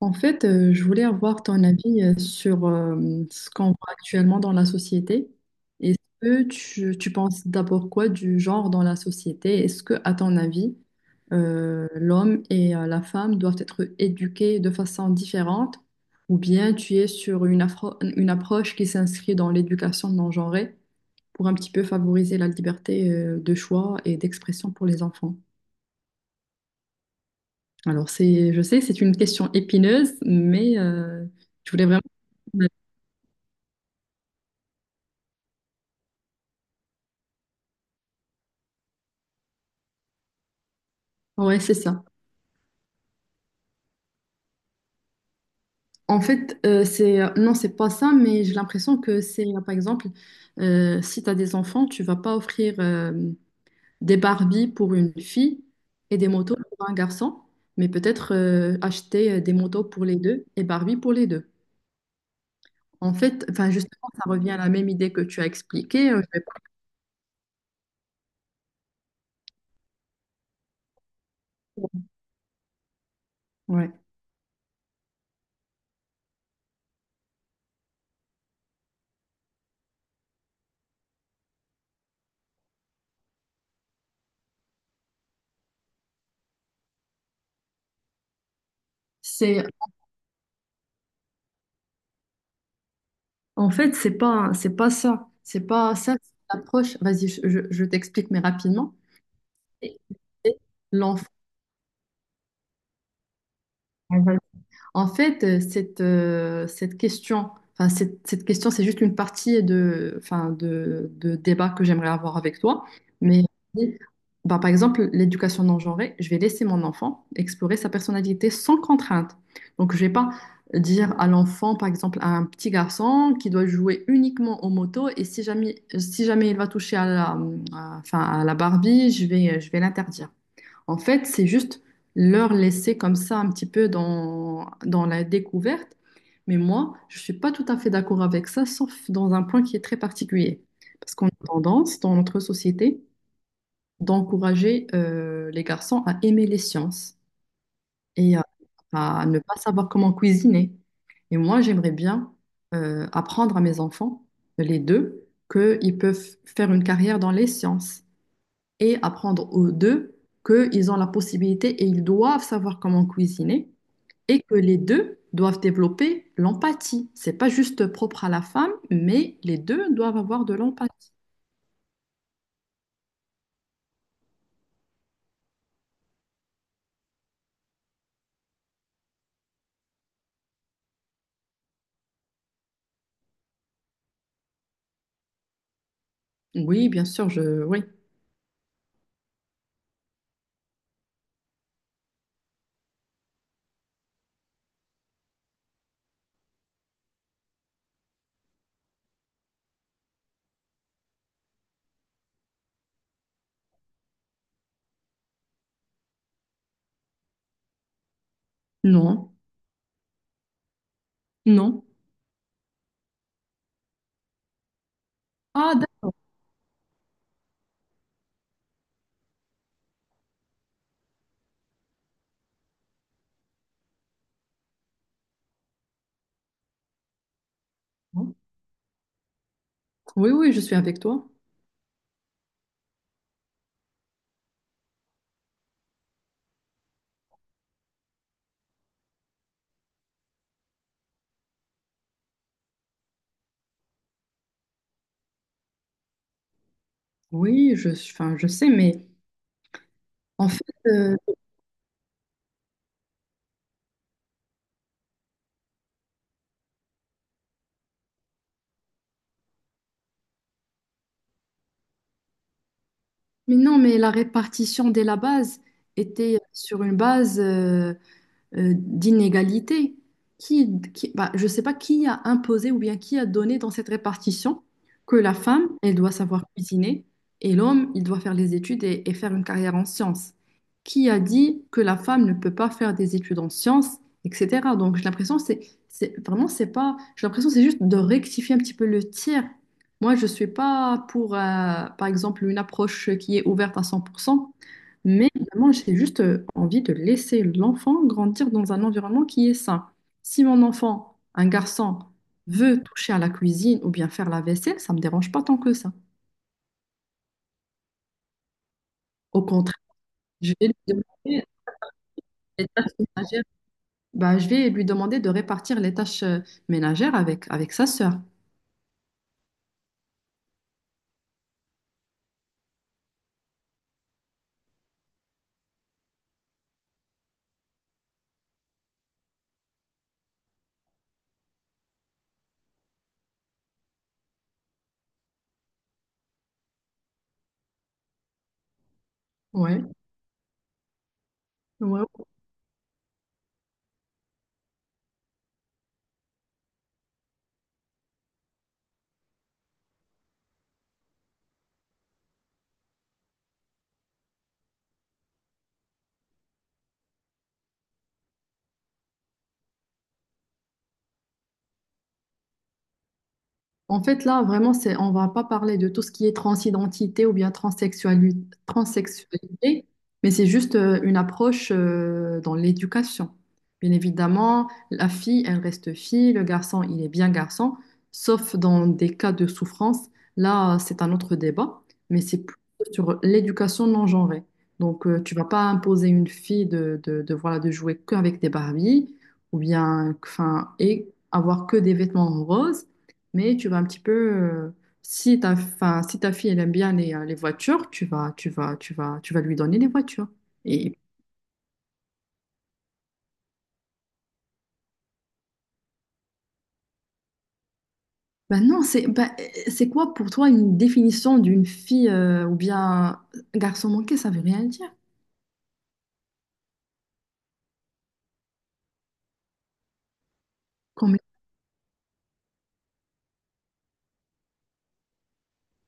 Je voulais avoir ton avis sur ce qu'on voit actuellement dans la société. Est-ce que tu penses d'abord quoi du genre dans la société? Est-ce que, à ton avis, l'homme et la femme doivent être éduqués de façon différente? Ou bien tu es sur une approche qui s'inscrit dans l'éducation non genrée pour un petit peu favoriser la liberté de choix et d'expression pour les enfants? Alors, je sais, c'est une question épineuse, mais je voulais vraiment. Ouais, c'est ça. C'est non, c'est pas ça, mais j'ai l'impression que par exemple, si tu as des enfants, tu vas pas offrir des Barbies pour une fille et des motos pour un garçon, mais peut-être acheter des motos pour les deux et Barbie pour les deux. Justement, ça revient à la même idée que tu as expliquée. Je vais pas- Ouais. C'est c'est pas ça. C'est pas ça, c'est l'approche. Vas-y, je t'explique, mais rapidement. Et- et L'enfant. Cette question, cette question, c'est juste une partie de, de débat que j'aimerais avoir avec toi. Mais bah, par exemple, l'éducation non genrée, je vais laisser mon enfant explorer sa personnalité sans contrainte. Donc, je vais pas dire à l'enfant, par exemple, à un petit garçon qui doit jouer uniquement aux motos et si jamais il va toucher à à la Barbie, je vais l'interdire. En fait, c'est juste leur laisser comme ça un petit peu dans la découverte. Mais moi, je ne suis pas tout à fait d'accord avec ça, sauf dans un point qui est très particulier. Parce qu'on a tendance, dans notre société, d'encourager les garçons à aimer les sciences et à ne pas savoir comment cuisiner. Et moi, j'aimerais bien apprendre à mes enfants, les deux, qu'ils peuvent faire une carrière dans les sciences et apprendre aux deux qu'ils ont la possibilité et ils doivent savoir comment cuisiner et que les deux doivent développer l'empathie. C'est pas juste propre à la femme, mais les deux doivent avoir de l'empathie. Oui, bien sûr, je... Oui. Non. Non. Ah, d'accord. Oui, oui, je suis avec toi. Oui, je sais, mais en fait, euh, mais non, mais la répartition dès la base était sur une base. D'inégalité. Bah, je ne sais pas qui a imposé ou bien qui a donné dans cette répartition que la femme, elle doit savoir cuisiner et l'homme, il doit faire les études et faire une carrière en sciences. Qui a dit que la femme ne peut pas faire des études en sciences, etc. Donc j'ai l'impression c'est vraiment c'est pas j'ai l'impression c'est juste de rectifier un petit peu le tir. Moi, je suis pas pour, par exemple, une approche qui est ouverte à 100%, mais moi, j'ai juste envie de laisser l'enfant grandir dans un environnement qui est sain. Si mon enfant, un garçon, veut toucher à la cuisine ou bien faire la vaisselle, ça ne me dérange pas tant que ça. Au contraire, je vais lui demander les tâches ménagères. Bah, je vais lui demander de répartir les tâches ménagères avec sa sœur. Ouais, ouais. En fait, là, vraiment, on va pas parler de tout ce qui est transidentité ou bien transsexualité, mais c'est juste une approche dans l'éducation. Bien évidemment, la fille, elle reste fille, le garçon, il est bien garçon, sauf dans des cas de souffrance. Là, c'est un autre débat, mais c'est plutôt sur l'éducation non genrée. Donc, tu vas pas imposer une fille de, voilà, de jouer qu'avec des Barbies ou bien, enfin, et avoir que des vêtements roses. Mais tu vas un petit peu, si ta, enfin, si ta fille elle aime bien les voitures, tu vas lui donner les voitures. Et ben non, c'est quoi pour toi une définition d'une fille ou bien un garçon manqué, ça veut rien dire. Comme,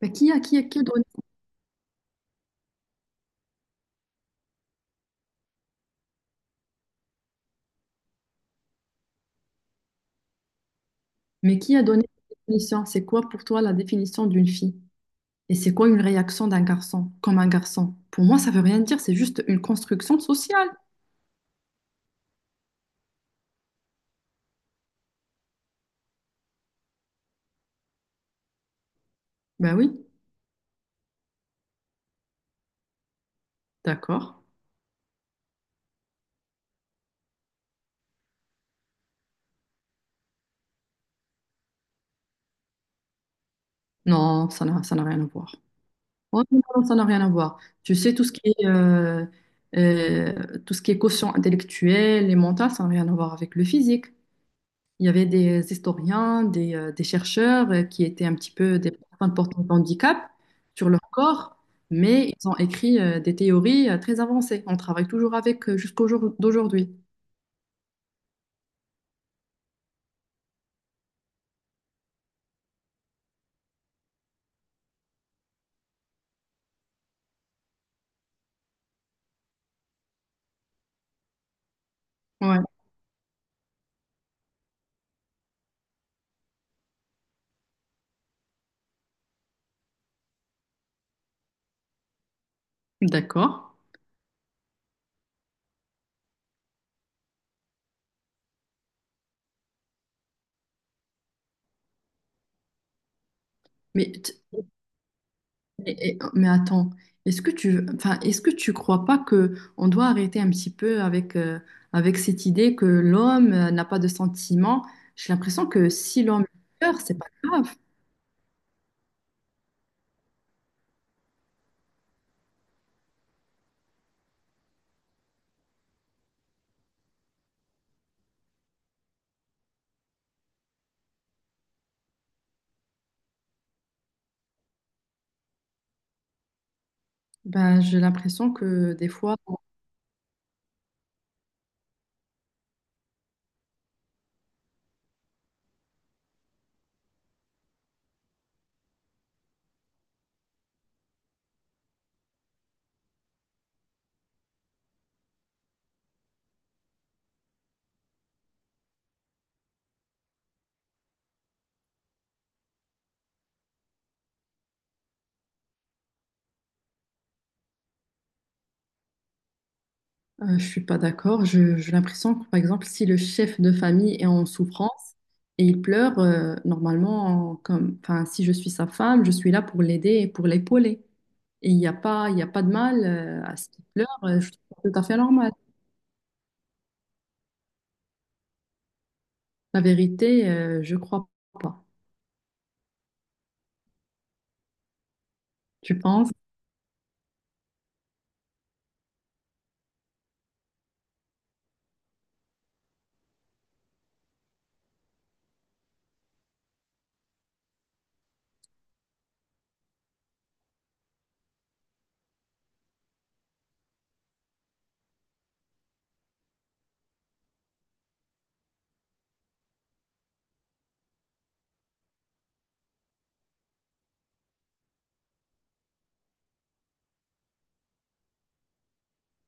ben, qui a, qui a, qui a donné, Mais qui a donné cette définition? C'est quoi pour toi la définition d'une fille? Et c'est quoi une réaction d'un garçon, comme un garçon? Pour moi, ça veut rien dire, c'est juste une construction sociale. Ben oui, d'accord. Non, ça n'a rien à voir. Ouais, mais non, ça n'a rien à voir. Tu sais, tout ce qui est quotient intellectuel et mental, ça n'a rien à voir avec le physique. Il y avait des historiens, des chercheurs qui étaient un petit peu des personnes portant de handicap sur leur corps, mais ils ont écrit des théories très avancées. On travaille toujours avec jusqu'au jour d'aujourd'hui. Ouais, d'accord. Mais t- mais attends, est-ce que est-ce que tu crois pas que on doit arrêter un petit peu avec, avec cette idée que l'homme n'a pas de sentiments? J'ai l'impression que si l'homme pleure, c'est pas grave. Ben, j'ai l'impression que des fois, je suis pas d'accord. J'ai l'impression que, par exemple, si le chef de famille est en souffrance et il pleure, normalement, si je suis sa femme, je suis là pour l'aider et pour l'épauler. Et il y a pas de mal, à ce qu'il pleure. Je trouve ça tout à fait normal. La vérité, je crois pas. Tu penses?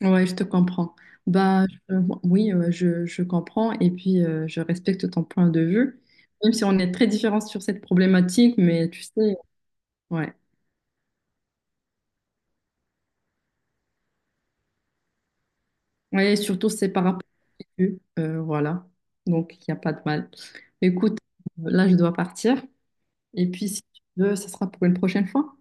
Ouais, je te comprends. Bah, je- oui, je comprends et puis je respecte ton point de vue, même si on est très différents sur cette problématique, mais tu sais, ouais. Ouais, et surtout c'est par rapport à eux, voilà. Donc il n'y a pas de mal. Écoute, là je dois partir et puis si tu veux, ça sera pour une prochaine fois.